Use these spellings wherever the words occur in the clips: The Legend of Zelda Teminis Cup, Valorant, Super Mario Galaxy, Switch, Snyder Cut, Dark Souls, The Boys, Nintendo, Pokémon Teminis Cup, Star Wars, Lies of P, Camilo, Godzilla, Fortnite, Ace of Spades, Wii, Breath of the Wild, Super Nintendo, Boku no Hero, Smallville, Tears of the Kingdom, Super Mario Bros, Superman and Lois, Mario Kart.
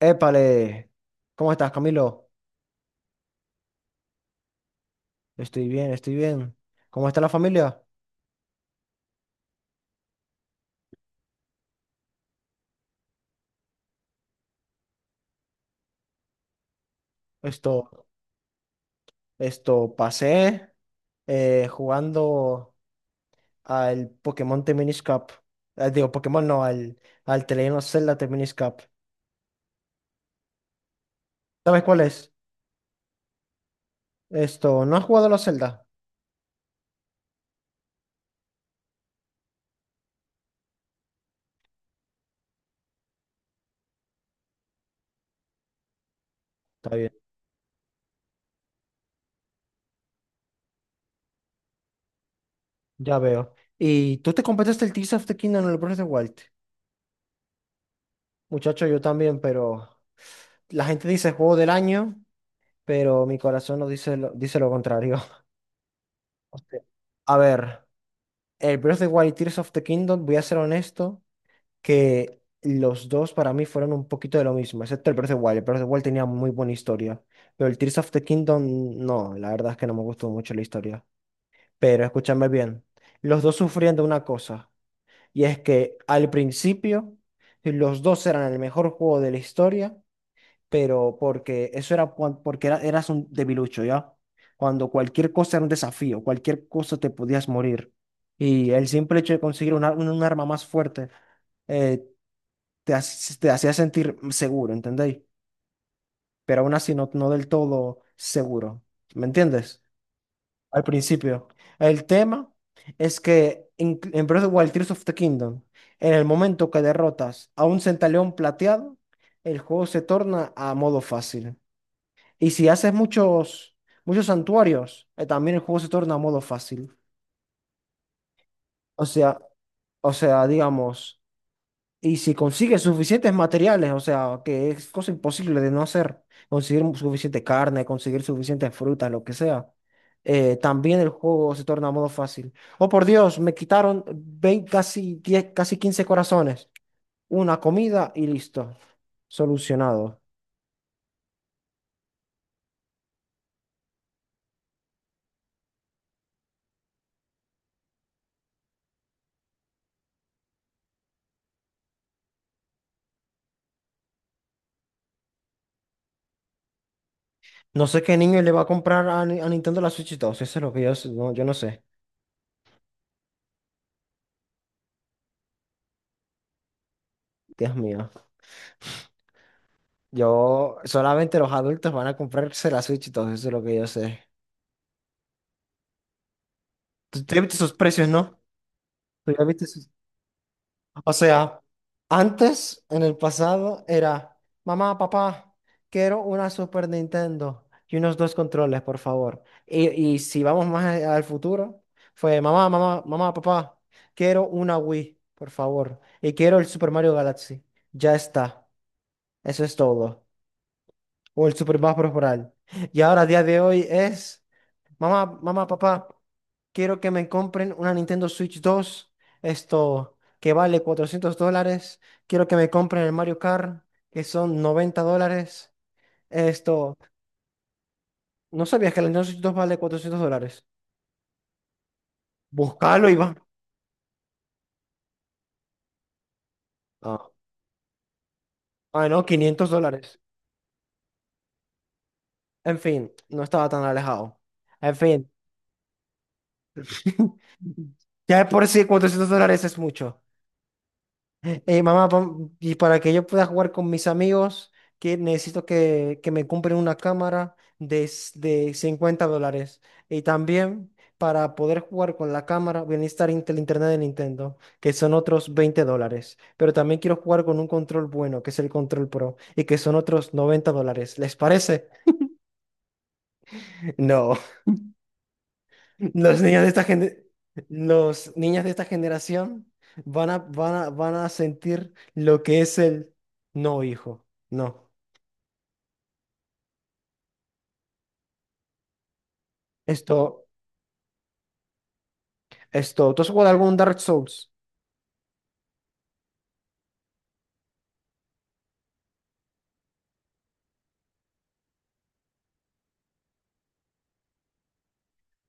Épale, ¿cómo estás, Camilo? Estoy bien, estoy bien. ¿Cómo está la familia? Esto, pasé jugando al Pokémon Teminis Cup. Digo, Pokémon no, al The Legend of Zelda Teminis Cup. ¿Sabes cuál es? ¿No has jugado a la Zelda? Está bien, ya veo. ¿Y tú te completaste el Tears of the Kingdom en el Breath of the Wild? Muchacho, yo también, pero la gente dice juego del año, pero mi corazón no dice lo, dice lo contrario. Hostia. A ver, el Breath of the Wild y Tears of the Kingdom, voy a ser honesto, que los dos para mí fueron un poquito de lo mismo, excepto el Breath of the Wild. El Breath of the Wild tenía muy buena historia, pero el Tears of the Kingdom, no, la verdad es que no me gustó mucho la historia. Pero escúchame bien, los dos sufrían de una cosa, y es que al principio los dos eran el mejor juego de la historia, pero porque eso era eras un debilucho, ¿ya? Cuando cualquier cosa era un desafío, cualquier cosa te podías morir. Y el simple hecho de conseguir un arma más fuerte eh, te hacía sentir seguro, ¿entendéis? Pero aún así no del todo seguro, ¿me entiendes? Al principio. El tema es que en Breath of the Wild, Tears of the Kingdom, en el momento que derrotas a un centaleón plateado, el juego se torna a modo fácil. Y si haces muchos, muchos santuarios, también el juego se torna modo fácil. O sea, o sea, digamos, y si consigues suficientes materiales, o sea, que es cosa imposible de no hacer, conseguir suficiente carne, conseguir suficientes frutas, lo que sea, también el juego se torna modo fácil. Oh, por Dios, me quitaron casi 10 casi 15 corazones, una comida y listo, solucionado. No sé qué niño le va a comprar a, Ni- a Nintendo la Switch 2, eso es lo que yo, no, yo no sé. Dios mío. Yo, solamente los adultos van a comprarse la Switch y todo eso es lo que yo sé. Tú ya viste sus precios, ¿no? Tú ya viste sus. O sea, antes, en el pasado, era, mamá, papá, quiero una Super Nintendo y unos dos controles, por favor. Y si vamos más al futuro, fue, mamá, mamá, mamá, papá, quiero una Wii, por favor. Y quiero el Super Mario Galaxy. Ya está. Eso es todo. O el Super Mario Bros. Y ahora, a día de hoy, es. Mamá, mamá, papá, quiero que me compren una Nintendo Switch 2, esto que vale $400. Quiero que me compren el Mario Kart, que son $90. Esto, ¿No sabías que la Nintendo Switch 2 vale $400? Búscalo y va. Ah, ah, no, $500. En fin, no estaba tan alejado. En fin, ya de por sí $400 es mucho. Mamá, y para que yo pueda jugar con mis amigos, que necesito que me compren una cámara de $50. Y también para poder jugar con la cámara, voy a necesitar el internet de Nintendo, que son otros $20. Pero también quiero jugar con un control bueno, que es el Control Pro, y que son otros $90. ¿Les parece? No. Los niños de esta gente, los niños de esta generación van a sentir lo que es el no, hijo. No. Esto, esto. ¿Tú has jugado algún Dark Souls?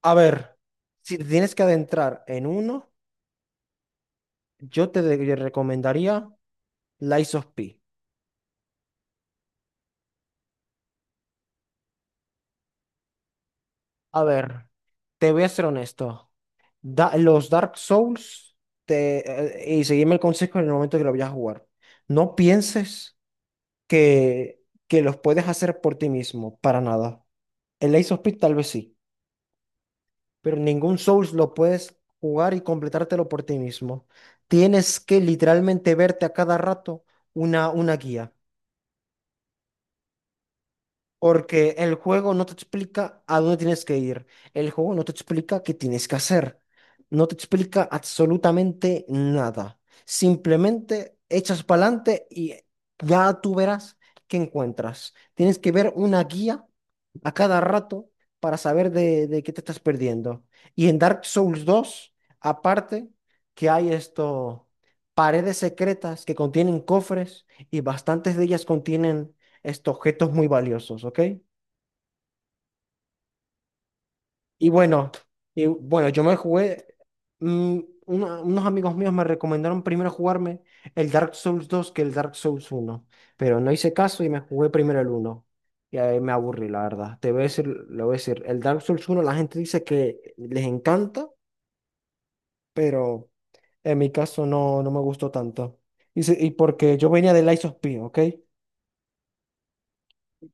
A ver, si te tienes que adentrar en uno, yo te recomendaría Lies of P. A ver, te voy a ser honesto. Los Dark Souls, y seguime el consejo en el momento que lo vayas a jugar. No pienses que, que los puedes hacer por ti mismo, para nada. El Ace of Spades tal vez sí, pero ningún Souls lo puedes jugar y completártelo por ti mismo. Tienes que literalmente verte a cada rato una guía, porque el juego no te explica a dónde tienes que ir, el juego no te explica qué tienes que hacer, no te explica absolutamente nada. Simplemente echas para adelante y ya tú verás qué encuentras. Tienes que ver una guía a cada rato para saber de qué te estás perdiendo. Y en Dark Souls 2 aparte, que hay paredes secretas que contienen cofres y bastantes de ellas contienen estos objetos muy valiosos, ¿ok? Y bueno, y bueno, yo me jugué, mm, unos amigos míos me recomendaron primero jugarme el Dark Souls 2 que el Dark Souls uno, pero no hice caso y me jugué primero el uno. Y ahí me aburrí, la verdad. Te voy a decir, lo voy a decir, el Dark Souls uno la gente dice que les encanta, pero en mi caso no me gustó tanto. Y porque yo venía de Lies of P, ¿ok?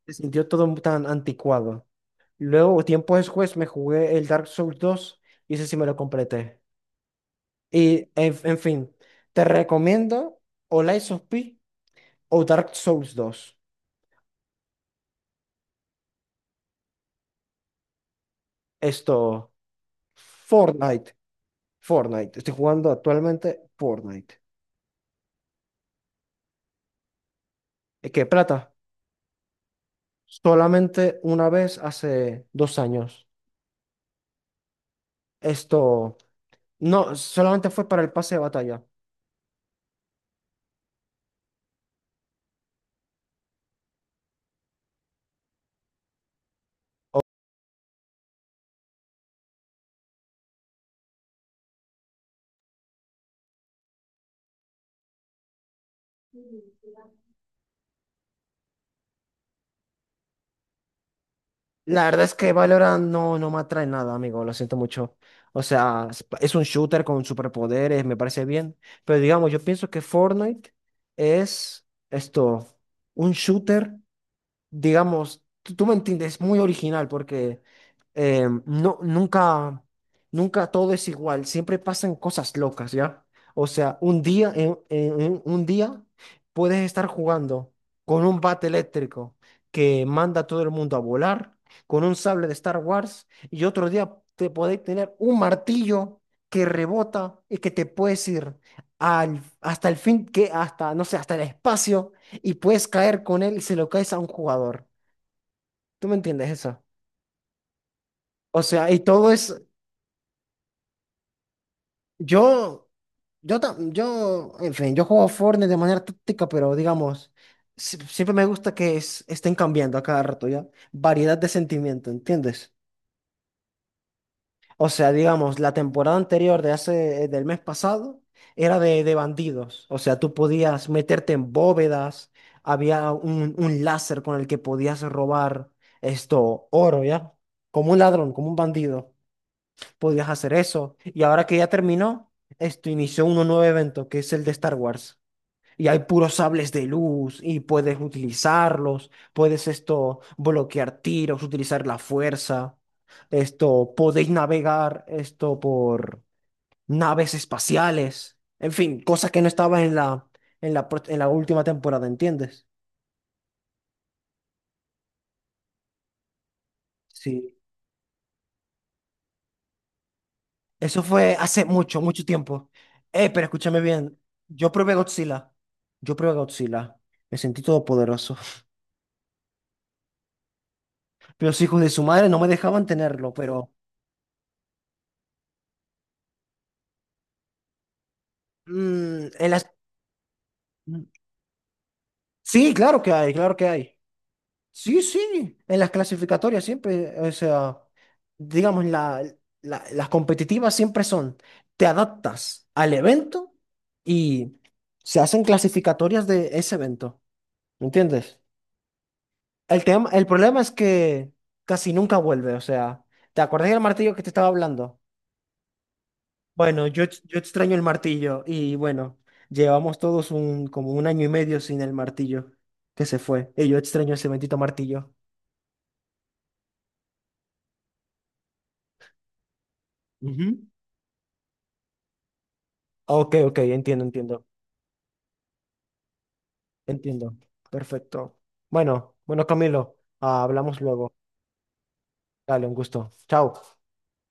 Se sintió todo tan anticuado. Luego, tiempo después, me jugué el Dark Souls 2 y ese sí me lo completé. Y en fin, te recomiendo o Lies of P o Dark Souls dos. Esto, Fortnite, Fortnite. Estoy jugando actualmente Fortnite. ¿Y qué plata? Solamente una vez hace 2 años. Esto, no, solamente fue para el pase de batalla. La verdad es que Valorant no me atrae nada, amigo, lo siento mucho. O sea, es un shooter con superpoderes, me parece bien. Pero digamos, yo pienso que Fortnite es un shooter, digamos, tú me entiendes, es muy original porque no, nunca todo es igual, siempre pasan cosas locas, ¿ya? O sea, un día, en un día puedes estar jugando con un bate eléctrico que manda a todo el mundo a volar, con un sable de Star Wars, y otro día te podéis tener un martillo que rebota y que te puedes ir al, hasta el fin, que hasta, no sé, hasta el espacio y puedes caer con él y se lo caes a un jugador. ¿Tú me entiendes eso? O sea, y todo es, yo, en fin, yo juego Fortnite de manera táctica, pero digamos, siempre me gusta que estén cambiando a cada rato, ¿ya? Variedad de sentimiento, ¿entiendes? O sea, digamos, la temporada anterior de hace, del mes pasado era de bandidos. O sea, tú podías meterte en bóvedas, había un láser con el que podías robar oro, ¿ya? Como un ladrón, como un bandido, podías hacer eso. Y ahora que ya terminó, esto inició un nuevo evento, que es el de Star Wars. Y hay puros sables de luz y puedes utilizarlos, puedes esto bloquear tiros, utilizar la fuerza, esto podéis navegar esto por naves espaciales, en fin, cosas que no estaban en la en la última temporada, ¿entiendes? Sí, eso fue hace mucho, mucho tiempo. Pero escúchame bien, yo probé Godzilla, yo probé Godzilla, me sentí todopoderoso. Los hijos de su madre no me dejaban tenerlo, pero en las. Sí, claro que hay, claro que hay. Sí, sí, en las clasificatorias siempre, o sea, digamos, las competitivas siempre son, te adaptas al evento y se hacen clasificatorias de ese evento, ¿me entiendes? El tema, el problema es que casi nunca vuelve, o sea, ¿te acordás del martillo que te estaba hablando? Bueno, yo, yo extraño el martillo y bueno, llevamos todos como un año y medio sin el martillo que se fue y yo extraño ese bendito martillo. Ujú. Ok, ok, entiendo, entiendo, entiendo. Perfecto. Bueno, bueno, Camilo, ah, hablamos luego. Dale, un gusto. Chao.